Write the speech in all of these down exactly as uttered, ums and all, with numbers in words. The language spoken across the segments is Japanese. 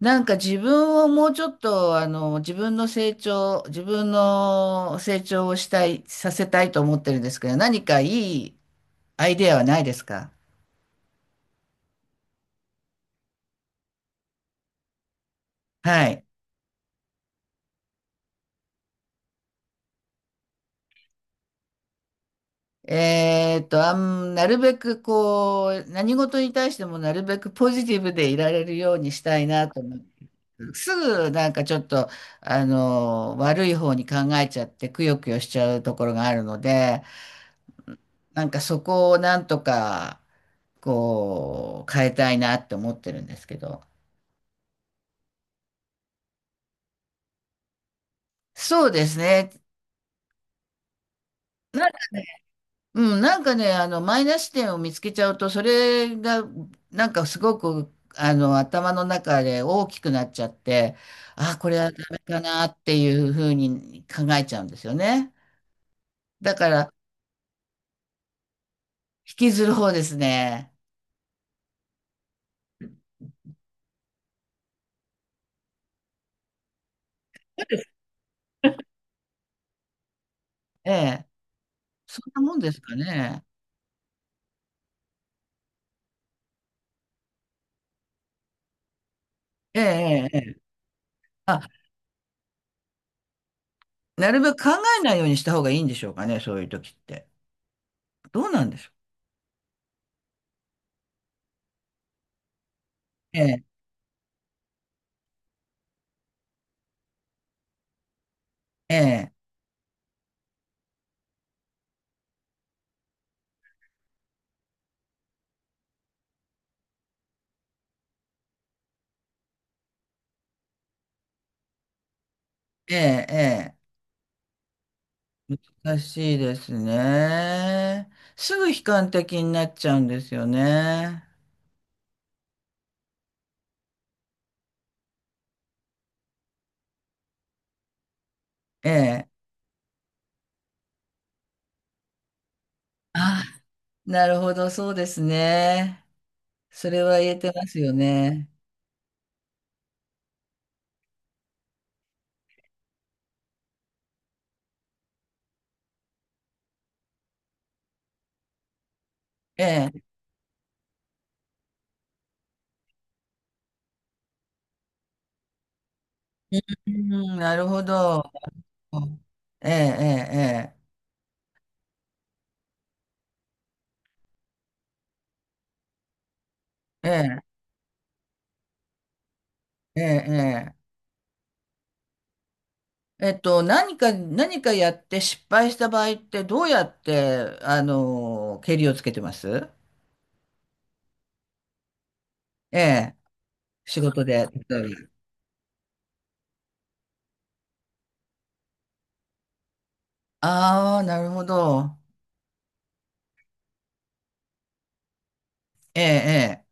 なんか自分をもうちょっと、あの、自分の成長、自分の成長をしたい、させたいと思ってるんですけど、何かいいアイデアはないですか。はい。えーっと、あん、なるべくこう、何事に対してもなるべくポジティブでいられるようにしたいなと思って、すぐなんかちょっと、あの、悪い方に考えちゃって、くよくよしちゃうところがあるので、なんかそこをなんとか、こう、変えたいなって思ってるんですけど。そうですね。なんかね、うん、なんかね、あの、マイナス点を見つけちゃうと、それが、なんかすごく、あの、頭の中で大きくなっちゃって、あ、これはダメかなっていうふうに考えちゃうんですよね。だから、引きずる方ですね。ええ。そんなもんですかね。ええ、ええ。ええ、あ、なるべく考えないようにした方がいいんでしょうかね、そういう時って。どうなんでしょう。ええ、ええ。ええ、ええ、難しいですね。すぐ悲観的になっちゃうんですよね。ええ。ああ、なるほど、そうですね。それは言えてますよね。ええ。うん、なるほど。ええ、ええ、ええ、ええ、ええ。えっと、何か、何かやって失敗した場合ってどうやって、あの、ケリをつけてます。ええ、仕事で。例えば。ああ、なるほど。ええ、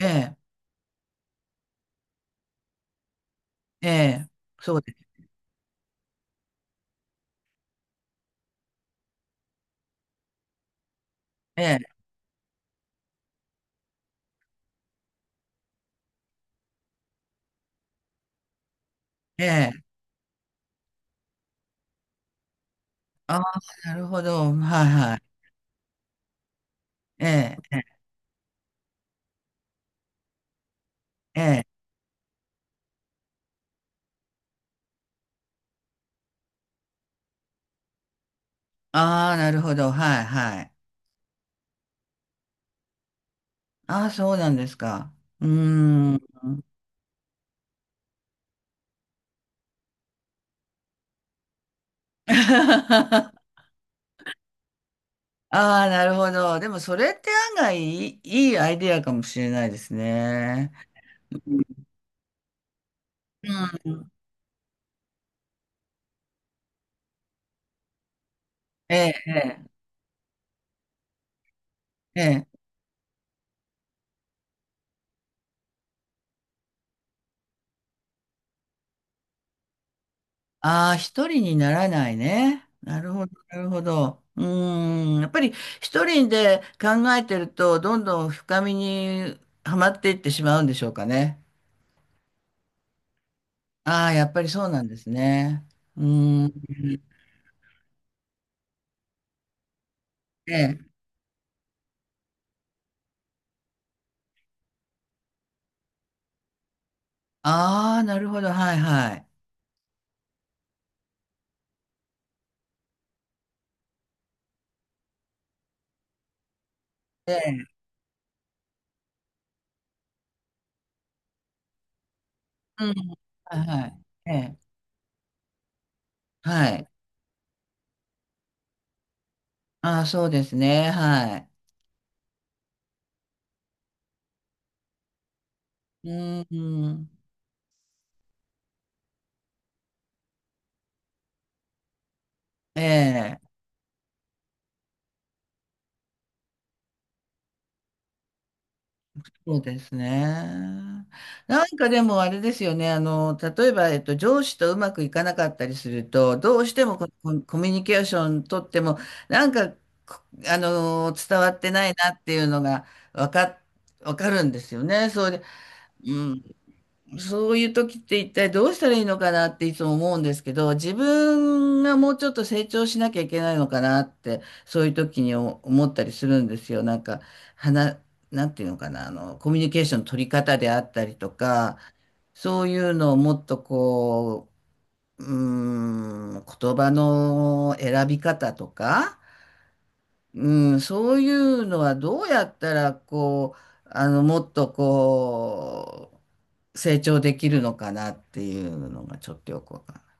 ええ、ええ、ええ、そうです。ええ、ええ、ああ、なるほど。はいはい。ええ、ええ、ええ、ああ、なるほど。はいはい。ああ、そうなんですか。うーん。ああ、なるほど。でも、それって案外いい、いいアイディアかもしれないですね。うん。ええ、ええ、ええ、ああ、一人にならないね。なるほど、なるほど。うーん、やっぱり一人で考えてると、どんどん深みにはまっていってしまうんでしょうかね。ああ、やっぱりそうなんですね。うーん。ええ。ああ、なるほど、はいはい。ええ。うん。はいはい。ええ。はい。ああ、そうですね。はい。うーん。ええ。そうですね。なんかでもあれですよね。あの、例えば、えっと、上司とうまくいかなかったりすると、どうしてもここコミュニケーション取っても、なんか、こあの、伝わってないなっていうのが分か、わかるんですよね。それで、うん。そういう時って一体どうしたらいいのかなっていつも思うんですけど、自分がもうちょっと成長しなきゃいけないのかなって、そういう時に思思ったりするんですよ。なんか、はな、なんていうのかな、あの、コミュニケーションの取り方であったりとか、そういうのをもっとこう、うーん、言葉の選び方とか、うん、そういうのはどうやったら、こう、あの、もっとこう、成長できるのかなっていうのがちょっとよくわかんない。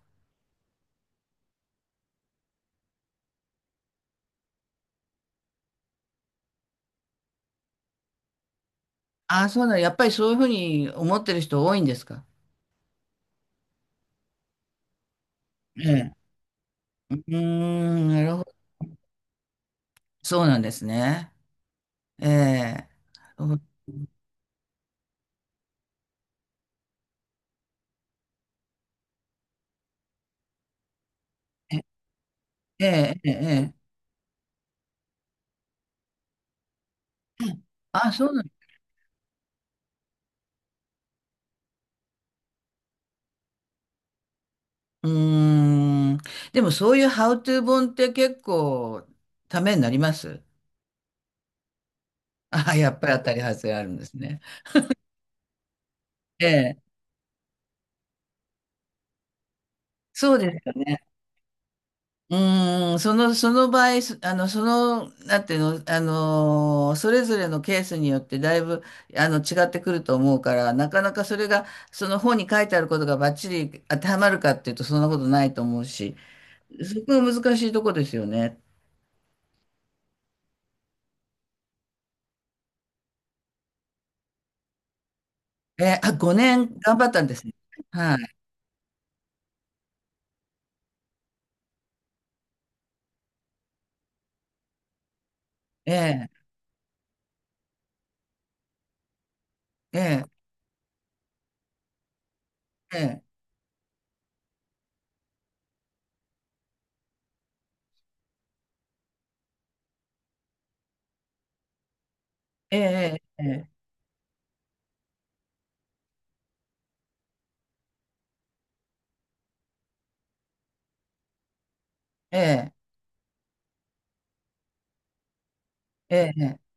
ああ、そうなの。やっぱりそういうふうに思ってる人多いんですか。ええ。うーん、なるほど。そうなんですね。ええ。ええ、ええ、ええ。あ、そうなの。うーん。でもそういうハウトゥー本って結構ためになります。ああ、やっぱり当たり外れあるんですね。ええ、そうですよね。うーん、そのその場合そあのそのなんていうの、あのー、それぞれのケースによってだいぶあの違ってくると思うから、なかなかそれがその本に書いてあることがバッチリ当てはまるかっていうと、そんなことないと思うし、そこが難しいとこですよね。え、あ、ごねん頑張ったんですね。はい。ええ、ええ、ええ、ええ、ええ、ええ、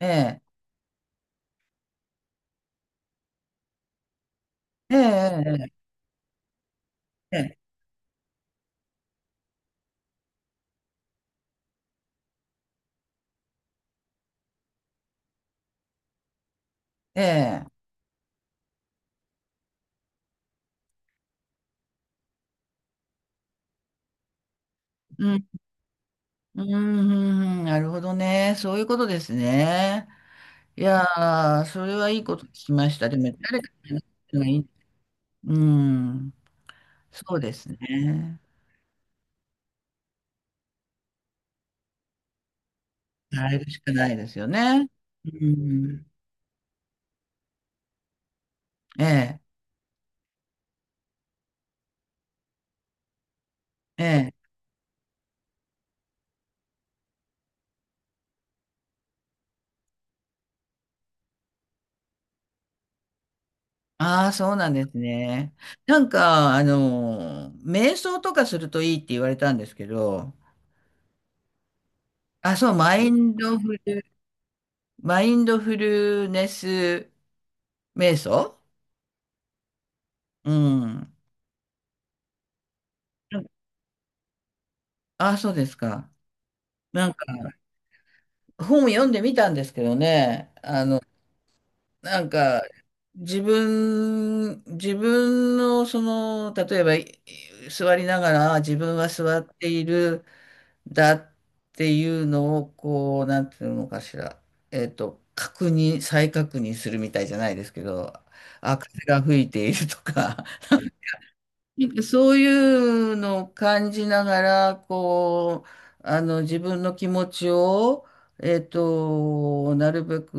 ええ、ええ、ええ、ええ、ええ、ええ、ええ、うん、ん、なるほどね。そういうことですね。いやー、それはいいこと聞きました。でも、誰かに話すのがいい。うん、そうですね。やるしかないですよね。うん、ええ、ええ。ああ、そうなんですね。なんか、あの瞑想とかするといいって言われたんですけど、あ、そう、マインドフル、マインドフルネス瞑想。うん。あ、そうですか。なんか、本読んでみたんですけどね、なんか、自分、自分の、その、例えば、い座りながら、自分は座っている、だっていうのを、こう、なんていうのかしら、えっと、確認、再確認するみたいじゃないですけど、あ、風が吹いているとか、なんかそういうのを感じながら、こう、あの、自分の気持ちを、えっと、なるべく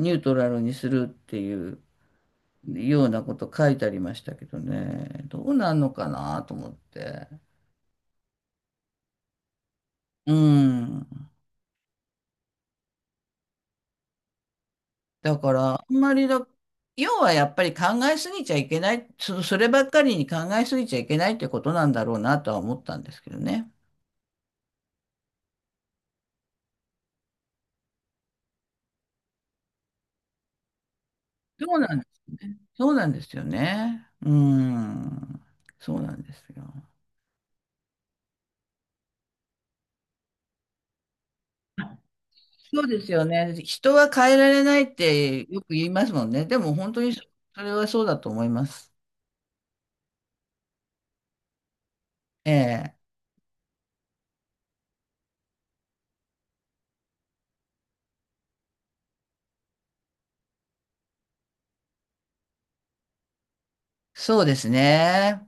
ニュートラルにするっていうようなこと書いてありましたけどね、どうなんのかなと思って。うん。だから、あんまりだ、要はやっぱり考えすぎちゃいけない、そ、そればっかりに考えすぎちゃいけないってことなんだろうなとは思ったんですけどね。そうなんですね。そうなんですよね。うん。そうなんですよ。そうですよね。人は変えられないってよく言いますもんね。でも本当にそそれはそうだと思います。ええ。そうですね。